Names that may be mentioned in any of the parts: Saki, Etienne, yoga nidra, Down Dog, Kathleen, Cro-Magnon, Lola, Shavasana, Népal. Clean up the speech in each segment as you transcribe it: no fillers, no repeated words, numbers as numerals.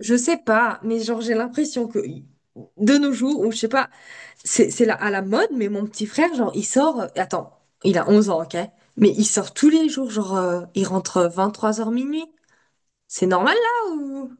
Je sais pas, mais genre j'ai l'impression que de nos jours, ou je sais pas, c'est à la mode. Mais mon petit frère, genre il sort, attends, il a 11 ans, ok? Mais il sort tous les jours, genre il rentre 23 heures minuit. C'est normal là ou...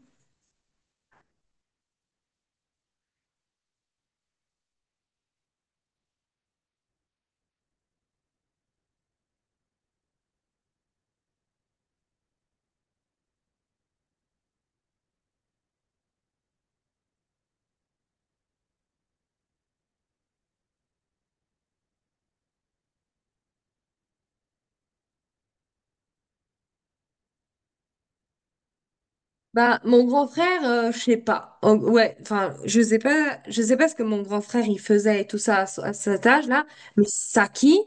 Bah mon grand frère, je sais pas. Ouais, enfin, je sais pas ce que mon grand frère il faisait et tout ça à, à cet âge-là, mais Saki,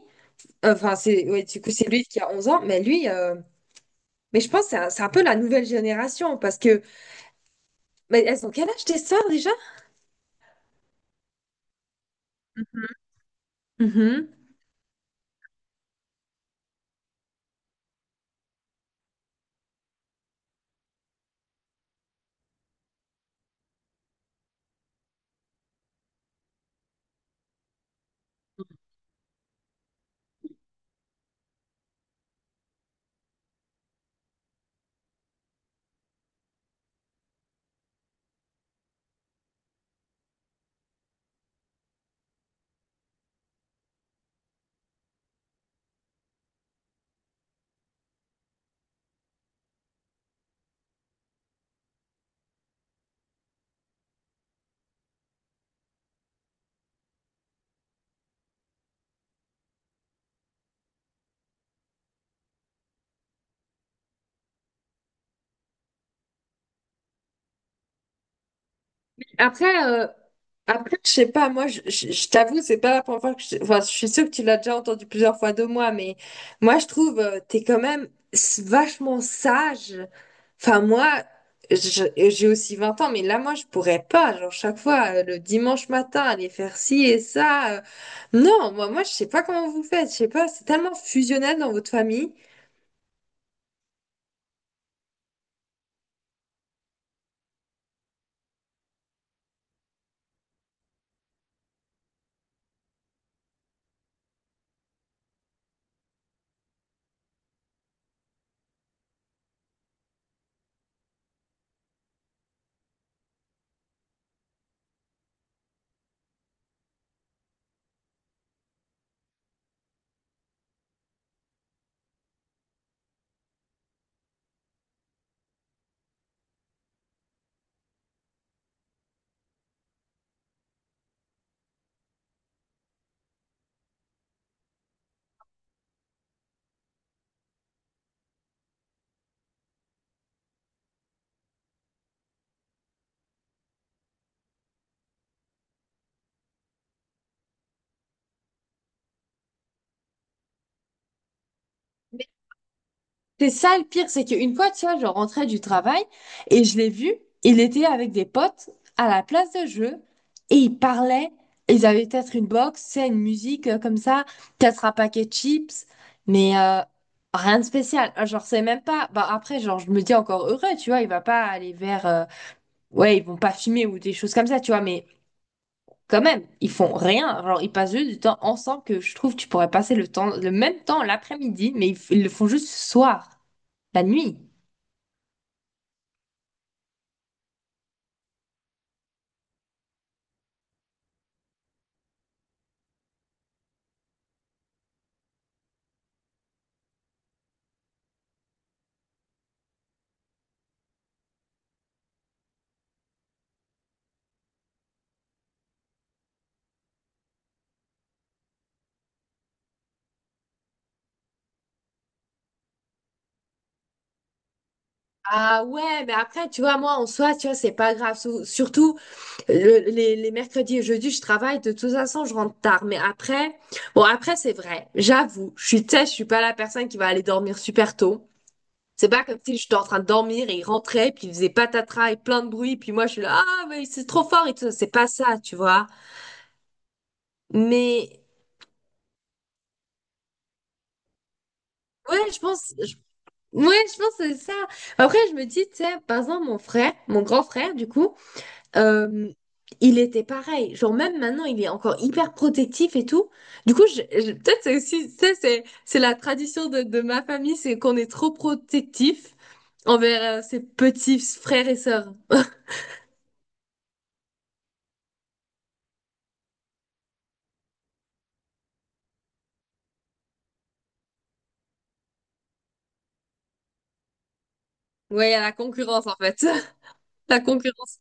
enfin c'est ouais, du coup c'est lui qui a 11 ans, mais lui mais je pense que c'est un peu la nouvelle génération. Parce que mais elles ont quel âge tes sœurs déjà? Mhm. Après, euh, Après, je sais pas, moi, je t'avoue, c'est pas la première fois que je... Enfin, je suis sûre que tu l'as déjà entendu plusieurs fois de moi, mais moi, je trouve, t'es quand même vachement sage. Enfin, moi, je- j'ai aussi 20 ans, mais là, moi, je pourrais pas, genre, chaque fois, le dimanche matin, aller faire ci et ça. Non, moi, je sais pas comment vous faites, je sais pas, c'est tellement fusionnel dans votre famille. C'est ça le pire, c'est qu'une fois, tu vois, je rentrais du travail et je l'ai vu, il était avec des potes à la place de jeu et ils parlaient, ils avaient peut-être une box, c'est une musique comme ça, peut-être un paquet de chips, mais rien de spécial. Ah, genre, c'est même pas. Bah, après, genre, je me dis encore heureux, tu vois, il va pas aller vers. Ouais, ils vont pas fumer ou des choses comme ça, tu vois, mais quand même, ils font rien. Genre, ils passent juste du temps ensemble que je trouve que tu pourrais passer le temps, le même temps l'après-midi, mais ils, ils le font juste ce soir, la nuit. Ah ouais, mais après, tu vois, moi, en soi, tu vois, c'est pas grave. Surtout, les mercredis et jeudis, je travaille. De toute façon, je rentre tard. Mais après, bon, après, c'est vrai. J'avoue, je suis, tu sais, je suis pas la personne qui va aller dormir super tôt. C'est pas comme si j'étais en train de dormir et il rentrait, puis il faisait patatras et plein de bruit, puis moi, je suis là, ah, mais c'est trop fort et tout. C'est pas ça, tu vois. Mais, ouais, je pense, ouais, je pense que c'est ça. Après, je me dis, tu sais, par exemple, mon frère, mon grand frère, du coup, Euh, il était pareil. Genre, même maintenant, il est encore hyper protectif et tout. Du coup, peut-être c'est aussi, ça, c'est la tradition de ma famille, c'est qu'on est trop protectif envers ses petits frères et sœurs. Ouais, il y a la concurrence, en fait. La concurrence.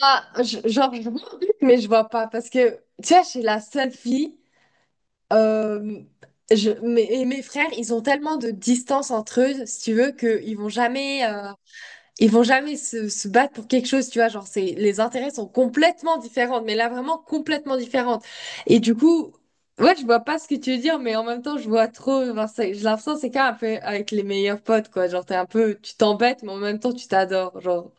Ah, genre, je vois, un truc, mais je vois pas. Parce que, tu vois, j'ai la seule fille. euh, et mes frères, ils ont tellement de distance entre eux, si tu veux, qu'ils vont jamais. Ils vont jamais se battre pour quelque chose, tu vois, genre c'est les intérêts sont complètement différents, mais là vraiment complètement différentes. Et du coup, ouais, je vois pas ce que tu veux dire, mais en même temps, je vois trop, enfin, j'ai l'impression que c'est quand même un peu avec les meilleurs potes, quoi, genre t'es un peu, tu t'embêtes, mais en même temps, tu t'adores, genre.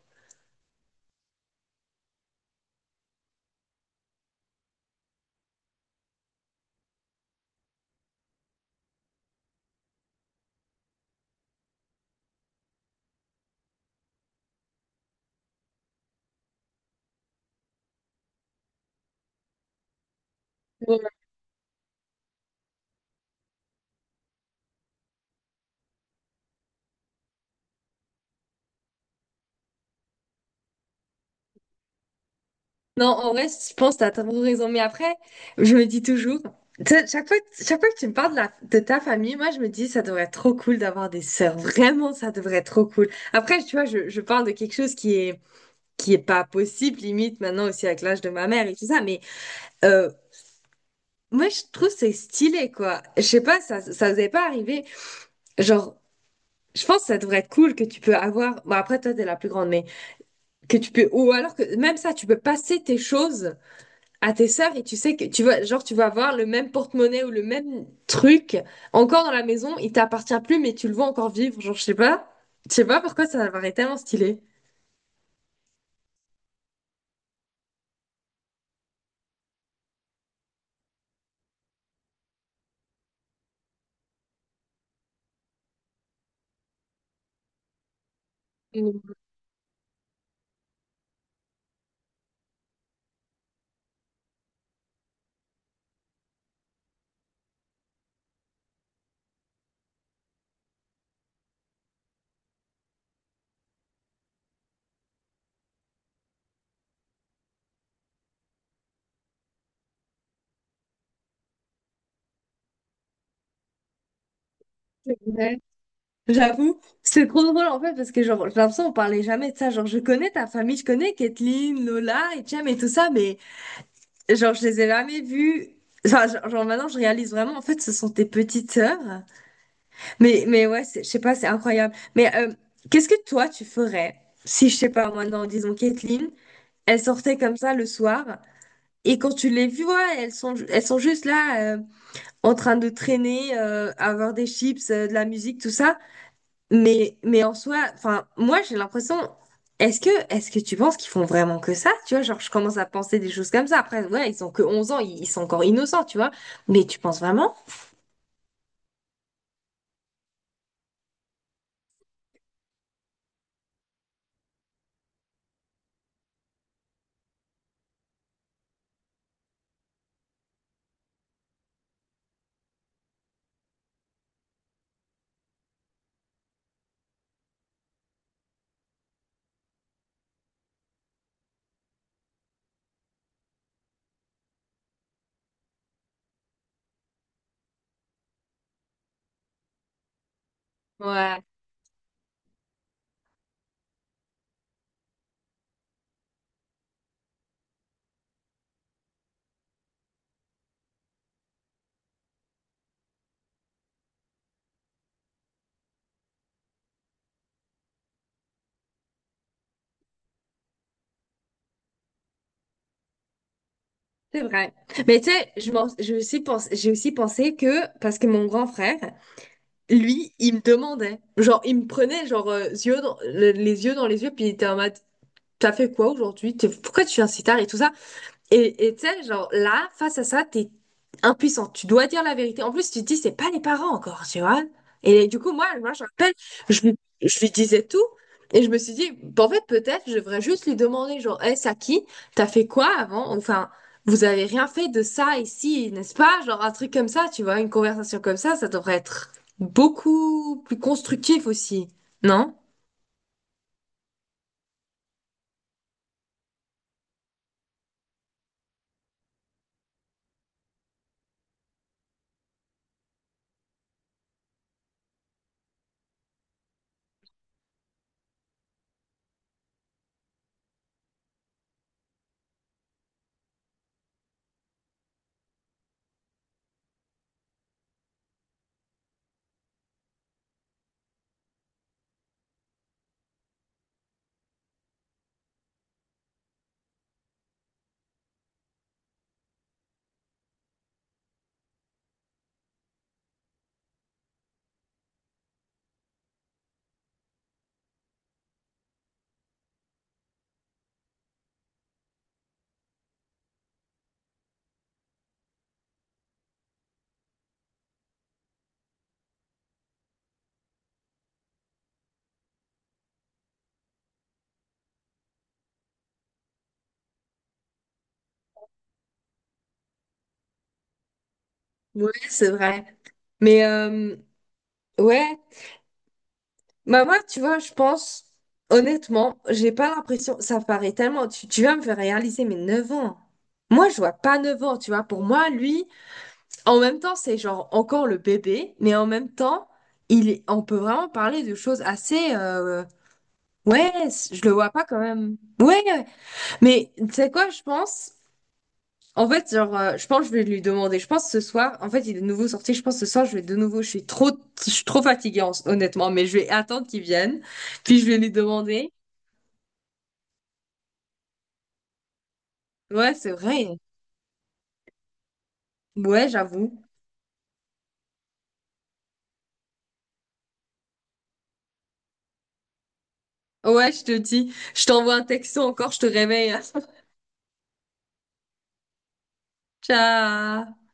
Ouais. Non, en vrai, je pense que t'as trop raison, mais après, je me dis toujours, tu sais, chaque fois que tu me parles de, de ta famille, moi, je me dis, ça devrait être trop cool d'avoir des sœurs, vraiment, ça devrait être trop cool. Après, tu vois, je parle de quelque chose qui est pas possible limite maintenant aussi avec l'âge de ma mère et tout ça, mais euh, moi je trouve c'est stylé quoi, je sais pas, ça vous est pas arrivé, genre. Je pense que ça devrait être cool que tu peux avoir, bon après toi t'es la plus grande, mais que tu peux, ou alors que même ça tu peux passer tes choses à tes sœurs, et tu sais que tu vas, genre tu vas avoir le même porte-monnaie ou le même truc, encore dans la maison il t'appartient plus mais tu le vois encore vivre, genre je sais pas, je sais pas pourquoi ça m'apparaît tellement stylé. Ouais. J'avoue, c'est trop drôle en fait parce que genre j'ai l'impression qu'on parlait jamais de ça. Genre je connais ta famille, je connais Kathleen, Lola, Etienne et tout ça, mais genre je les ai jamais vus. Enfin, genre, maintenant je réalise vraiment en fait ce sont tes petites sœurs. Mais ouais, je sais pas, c'est incroyable. Mais qu'est-ce que toi tu ferais si, je sais pas moi, non, disons Kathleen, elle sortait comme ça le soir, et quand tu les vois, elles sont juste là en train de traîner, avoir des chips, de la musique, tout ça. Mais en soi, enfin, moi j'ai l'impression, est-ce que tu penses qu'ils font vraiment que ça? Tu vois, genre je commence à penser des choses comme ça. Après, ouais, ils ont que 11 ans, ils sont encore innocents, tu vois. Mais tu penses vraiment? Ouais. C'est vrai. Mais tu sais, j'ai aussi pensé que, parce que mon grand frère, lui, il me demandait. Genre, il me prenait, genre, les yeux dans les yeux, puis il était en mode, t'as fait quoi aujourd'hui? Pourquoi tu viens si tard et tout ça? Et tu sais, genre là, face à ça, t'es impuissant. Tu dois dire la vérité. En plus, tu te dis, c'est pas les parents encore, tu vois. Et du coup, moi, je me rappelle, je lui disais tout. Et je me suis dit, bah, en fait, peut-être, je devrais juste lui demander, genre, hey, Saki, t'as fait quoi avant? Enfin, vous avez rien fait de ça ici, n'est-ce pas? Genre, un truc comme ça, tu vois, une conversation comme ça devrait être beaucoup plus constructif aussi, non? Ouais, c'est vrai. Mais ouais, bah moi, tu vois, je pense, honnêtement, j'ai pas l'impression, ça paraît tellement, tu vas me faire réaliser mes 9 ans. Moi, je vois pas 9 ans, tu vois. Pour moi, lui, en même temps, c'est genre encore le bébé, mais en même temps, il est, on peut vraiment parler de choses assez... ouais, je le vois pas quand même. Ouais, ouais. Mais tu sais quoi, je pense? En fait, genre, je pense que je vais lui demander. Je pense ce soir, en fait, il est de nouveau sorti. Je pense ce soir, je vais de nouveau. Je suis trop fatiguée, honnêtement, mais je vais attendre qu'il vienne. Puis je vais lui demander. Ouais, c'est vrai. Ouais, j'avoue. Ouais, je te dis. Je t'envoie un texto encore, je te réveille. Ciao.